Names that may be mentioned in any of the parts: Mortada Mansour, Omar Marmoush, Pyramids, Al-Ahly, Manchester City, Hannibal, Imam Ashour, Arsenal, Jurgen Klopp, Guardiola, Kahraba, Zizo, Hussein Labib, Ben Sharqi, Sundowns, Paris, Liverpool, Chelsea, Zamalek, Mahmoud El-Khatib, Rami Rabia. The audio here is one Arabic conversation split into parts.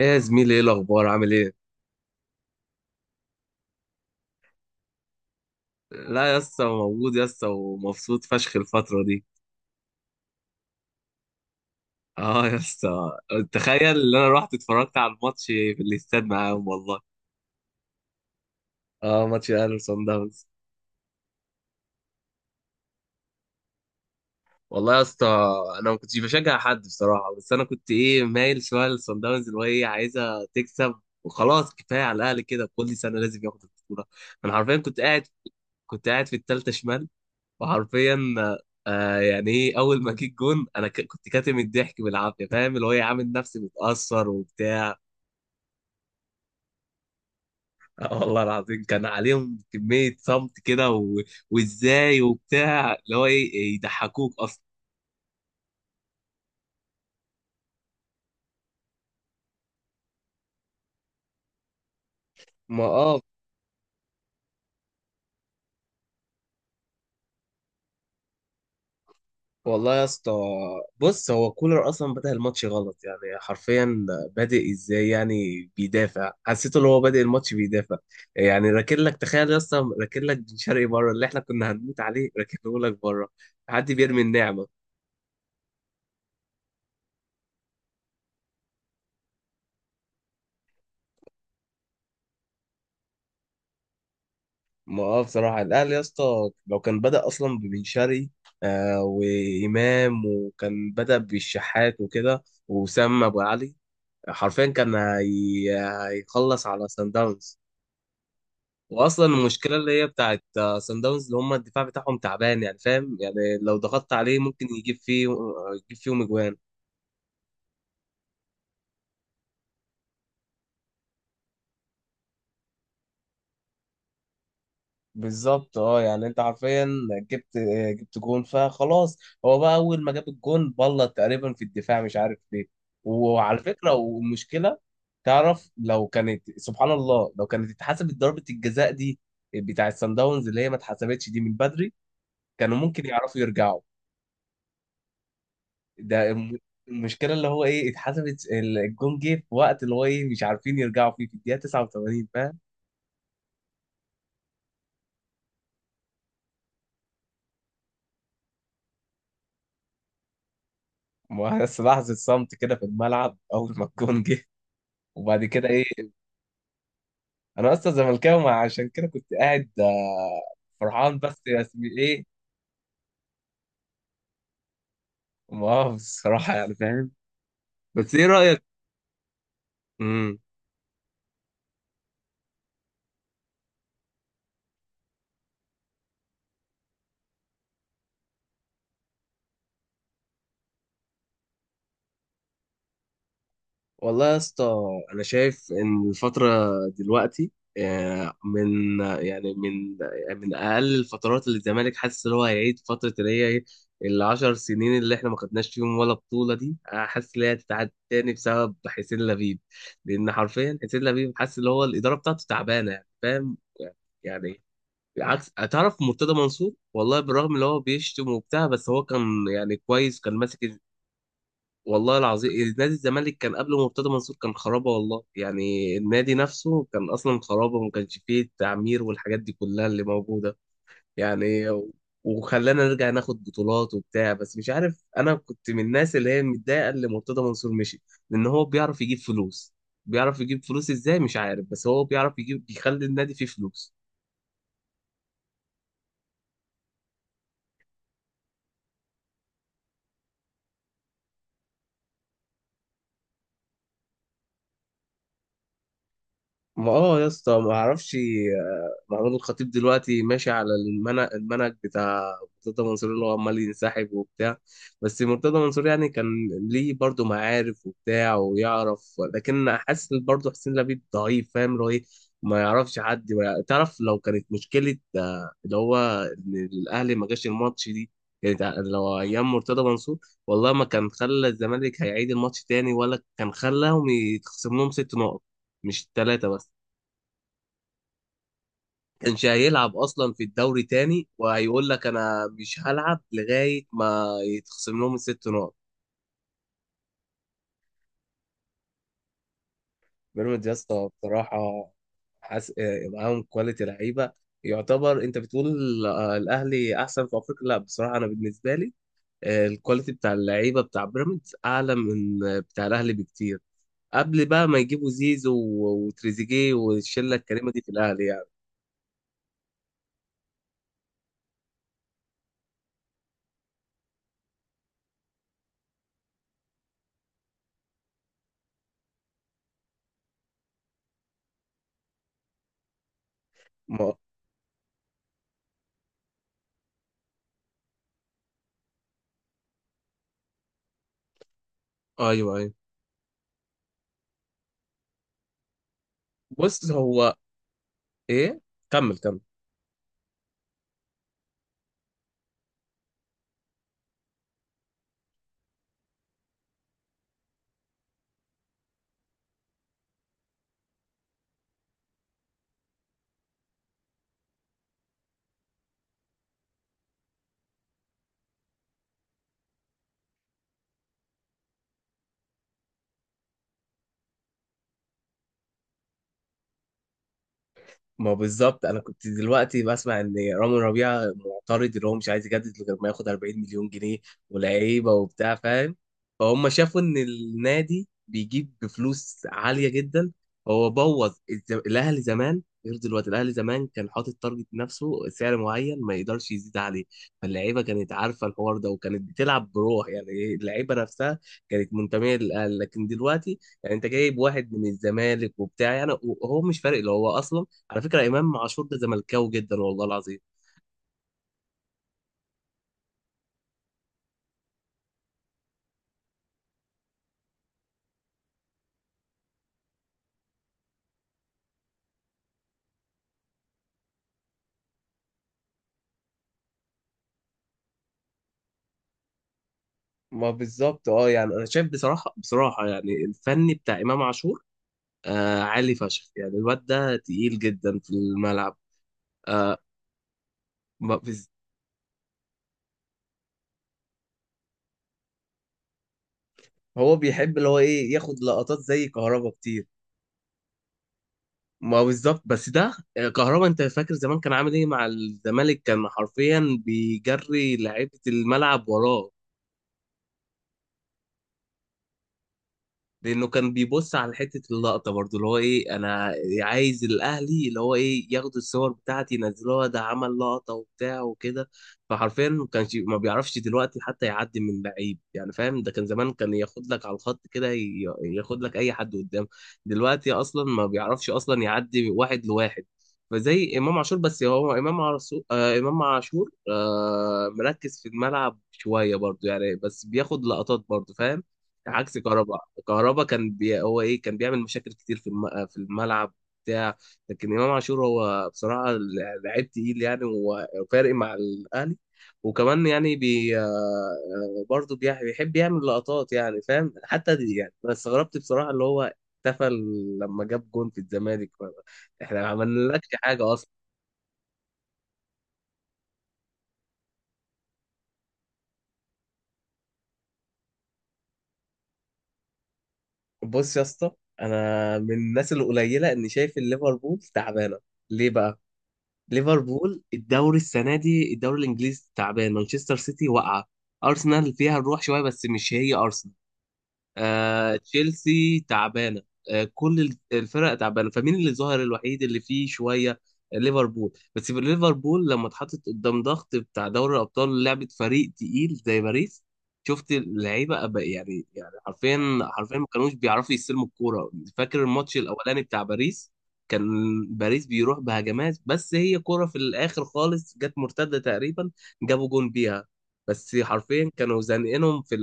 ايه يا زميلي، ايه الاخبار؟ عامل ايه؟ لا يا اسطى، موجود يا اسطى، ومبسوط فشخ الفتره دي. اه يا اسطى، تخيل ان انا رحت اتفرجت على الماتش في الاستاد معاهم والله. اه ماتش الاهلي وصن داونز. والله يا اسطى، انا ما كنتش بشجع حد بصراحه، بس انا كنت مايل شويه لصن داونز، اللي هو عايزه تكسب. وخلاص كفايه على الاهلي كده، كل سنه لازم ياخد البطوله. انا حرفيا كنت قاعد، كنت قاعد في الثالثه شمال، وحرفيا يعني اول ما جيت جون، انا كنت كاتم الضحك بالعافيه، فاهم اللي هو عامل نفسي متاثر وبتاع. والله العظيم كان عليهم كميه صمت كده، وازاي وبتاع، اللي هو يضحكوك اصلا. ما اه، والله يا اسطى، بص هو كولر اصلا بدأ الماتش غلط، يعني حرفيا بادئ ازاي، يعني بيدافع. حسيت ان هو بادئ الماتش بيدافع، يعني راكن لك، تخيل يا اسطى، راكن لك بن شرقي بره، اللي احنا كنا هنموت عليه راكنه لك بره. حد بيرمي النعمه؟ ما اه، بصراحه الاهلي يا اسطى لو كان بدأ اصلا ببن شرقي، وامام، وكان بدأ بالشحات وكده، وسام ابو علي، حرفيا كان هيخلص على سان داونز. واصلا المشكله اللي هي بتاعت سان داونز، اللي هم الدفاع بتاعهم تعبان، يعني فاهم، يعني لو ضغطت عليه ممكن يجيب فيهم اجوان. بالظبط، اه يعني انت حرفيا جبت جبت جون فخلاص. هو بقى اول ما جاب الجون بلط تقريبا في الدفاع، مش عارف ليه. وعلى فكره، والمشكله تعرف، لو كانت، سبحان الله، لو كانت اتحسبت ضربه الجزاء دي بتاع السان داونز، اللي هي ما اتحسبتش دي من بدري، كانوا ممكن يعرفوا يرجعوا. ده الم- المشكله اللي هو اتحسبت، الجون جه في وقت اللي هو مش عارفين يرجعوا فيه، في الدقيقه 89، فاهم. ما بس لحظه صمت كده في الملعب اول ما الجون جه، وبعد كده ايه. انا اصلا زملكاوي، عشان كده كنت قاعد فرحان، بس يا اسمي ايه، مؤاخذ الصراحه يعني فاهم. بس ايه رايك؟ والله يا اسطى، انا شايف ان الفتره دلوقتي، من يعني من من اقل الفترات اللي الزمالك حاسس ان هو هيعيد فتره، اللي هي العشر سنين اللي احنا ما خدناش فيهم ولا بطوله دي. حاسس ان هي هتتعاد تاني بسبب حسين لبيب. لان حرفيا حسين لبيب، حاسس ان هو الاداره بتاعته تعبانه يعني فاهم، يعني عكس، تعرف مرتضى منصور والله، بالرغم ان هو بيشتم وبتاع، بس هو كان يعني كويس، كان ماسك. والله العظيم نادي الزمالك كان قبل مرتضى منصور كان خرابه والله، يعني النادي نفسه كان اصلا خرابه، ما كانش فيه التعمير والحاجات دي كلها اللي موجوده. يعني وخلانا نرجع ناخد بطولات وبتاع. بس مش عارف، انا كنت من الناس اللي هي متضايقه اللي مرتضى منصور مشي، لان هو بيعرف يجيب فلوس. بيعرف يجيب فلوس ازاي مش عارف، بس هو بيعرف يخلي النادي فيه فلوس. ما اه يا اسطى، ما اعرفش، محمود الخطيب دلوقتي ماشي على المنهج، المنهج بتاع مرتضى منصور، اللي هو عمال ينسحب وبتاع. بس مرتضى منصور يعني كان ليه برضه معارف وبتاع ويعرف، لكن حاسس برضه حسين لبيب ضعيف، فاهم اللي هو ايه. ما يعرفش حد، ما يع- تعرف لو كانت مشكلة، اللي هو إن الأهلي ما جاش الماتش دي، كانت لو أيام مرتضى منصور، والله ما كان خلى الزمالك هيعيد الماتش تاني، ولا كان خلاهم يتخصم لهم ست نقط، مش ثلاثة بس. كانش هيلعب اصلا في الدوري تاني، وهيقول لك انا مش هلعب لغايه ما يتخصم لهم الست نقط. بيراميدز يا اسطى بصراحه، حاس... آه، معاهم كواليتي لعيبه. يعتبر انت بتقول، الاهلي احسن في افريقيا. لا بصراحه انا بالنسبه لي، الكواليتي بتاع اللعيبه بتاع بيراميدز اعلى من بتاع الاهلي بكتير، قبل بقى ما يجيبوا زيزو وتريزيجيه والشله الكريمه دي في الاهلي يعني. ما... ايوه ايوه، بص هو ايه، كمل. ما بالظبط، انا كنت دلوقتي بسمع ان رامي ربيعه معترض ان هو مش عايز يجدد غير ما ياخد 40 مليون جنيه، ولعيبه وبتاع فاهم. فهم شافوا ان النادي بيجيب بفلوس عاليه جدا. هو بوظ الاهلي زمان غير دلوقتي. الاهلي زمان كان حاطط تارجت نفسه، سعر معين ما يقدرش يزيد عليه. فاللعيبه كانت عارفه الحوار ده، وكانت بتلعب بروح يعني اللعيبه نفسها كانت منتميه للاهلي. لكن دلوقتي يعني انت جايب واحد من الزمالك وبتاع، يعني وهو مش فارق اللي هو اصلا. على فكرة إمام عاشور ده زملكاوي جدا والله العظيم. ما بالظبط، اه يعني أنا شايف بصراحة، بصراحة يعني الفني بتاع إمام عاشور، عالي فشخ، يعني الواد ده تقيل جدا في الملعب. آه ما بز- هو بيحب اللي هو ياخد لقطات زي كهربا كتير. ما بالظبط، بس ده كهربا انت فاكر زمان كان عامل ايه مع الزمالك؟ كان حرفيا بيجري لعيبة الملعب وراه، لانه كان بيبص على حته اللقطه برضو، اللي هو انا عايز الاهلي، اللي هو ياخدوا الصور بتاعتي ينزلوها، ده عمل لقطه وبتاع وكده. فحرفيا ما كانش، ما بيعرفش دلوقتي حتى يعدي من لعيب، يعني فاهم؟ ده كان زمان كان ياخد لك على الخط كده، ياخد لك اي حد قدام. دلوقتي اصلا ما بيعرفش اصلا يعدي واحد لواحد. فزي امام عاشور، بس هو امام عاشور، مركز في الملعب شويه برضو يعني، بس بياخد لقطات برضو فاهم، عكس كهربا. كهربا كان هو كان بيعمل مشاكل كتير في الملعب بتاع. لكن امام عاشور هو بصراحه لعيب تقيل يعني، وفارق مع الاهلي. وكمان يعني بي آه، آه، برضه بيحب يعمل لقطات، يعني فاهم. حتى دي يعني انا استغربت بصراحه، اللي هو احتفل لما جاب جون في الزمالك. احنا ما عملناكش حاجه اصلا. بص يا اسطى، انا من الناس القليله اني شايف ان ليفربول تعبانه. ليه بقى؟ ليفربول، الدوري السنه دي الدوري الانجليزي تعبان، مانشستر سيتي واقعه، ارسنال فيها الروح شويه بس مش هي ارسنال، تشيلسي تعبانه، كل الفرق تعبانه. فمين اللي ظهر الوحيد اللي فيه شويه؟ ليفربول. بس في ليفربول لما اتحطت قدام ضغط بتاع دوري الابطال، لعبه فريق تقيل زي باريس، شفت اللعيبه أبقى يعني، يعني حرفيا، حرفيا ما كانوش بيعرفوا يستلموا الكوره. فاكر الماتش الاولاني بتاع باريس؟ كان باريس بيروح بهجمات، بس هي كوره في الاخر خالص، جت مرتده تقريبا جابوا جون بيها. بس حرفيا كانوا زانقينهم في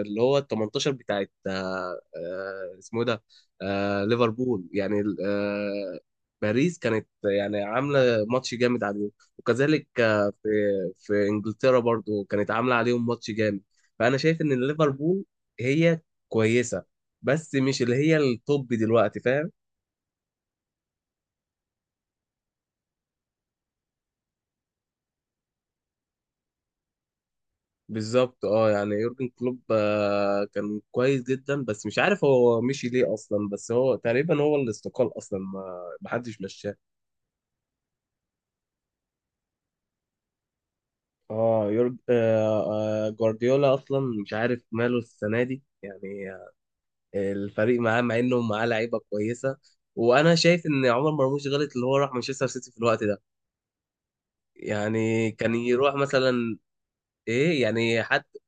اللي هو ال 18 بتاعت اسمه إيه ده، ليفربول يعني باريس كانت يعني عامله ماتش جامد عليهم. وكذلك في، في انجلترا برضو كانت عامله عليهم ماتش جامد. فانا شايف ان ليفربول هي كويسه، بس مش اللي هي التوب دلوقتي فاهم. بالظبط، اه يعني يورجن كلوب كان كويس جدا، بس مش عارف هو مشي ليه اصلا. بس هو تقريبا هو اللي استقال اصلا، ما حدش مشاه. اه يورج آه آه جوارديولا اصلا مش عارف ماله السنه دي يعني، الفريق معاه، مع انه معاه لعيبه كويسه. وانا شايف ان عمر مرموش غلط اللي هو راح مانشستر سيتي في الوقت ده. يعني كان يروح مثلا ايه يعني حتى.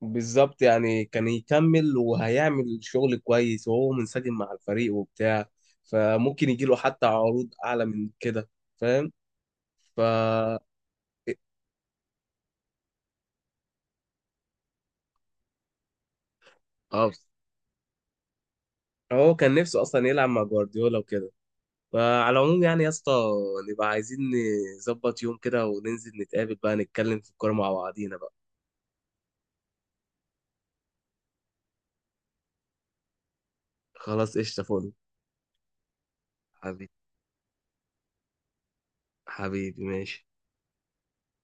بالظبط يعني كان يكمل، وهيعمل شغل كويس وهو منسجم مع الفريق وبتاع. فممكن يجيله حتى عروض اعلى من كده، فاهم. ف اه هو كان نفسه اصلا يلعب مع جوارديولا وكده. فعلى العموم يعني يا اسطى، نبقى عايزين نظبط يوم كده وننزل نتقابل بقى، نتكلم في الكورة مع بعضينا بقى. خلاص، قشطة، فل. حبيبي، حبيبي، ماشي.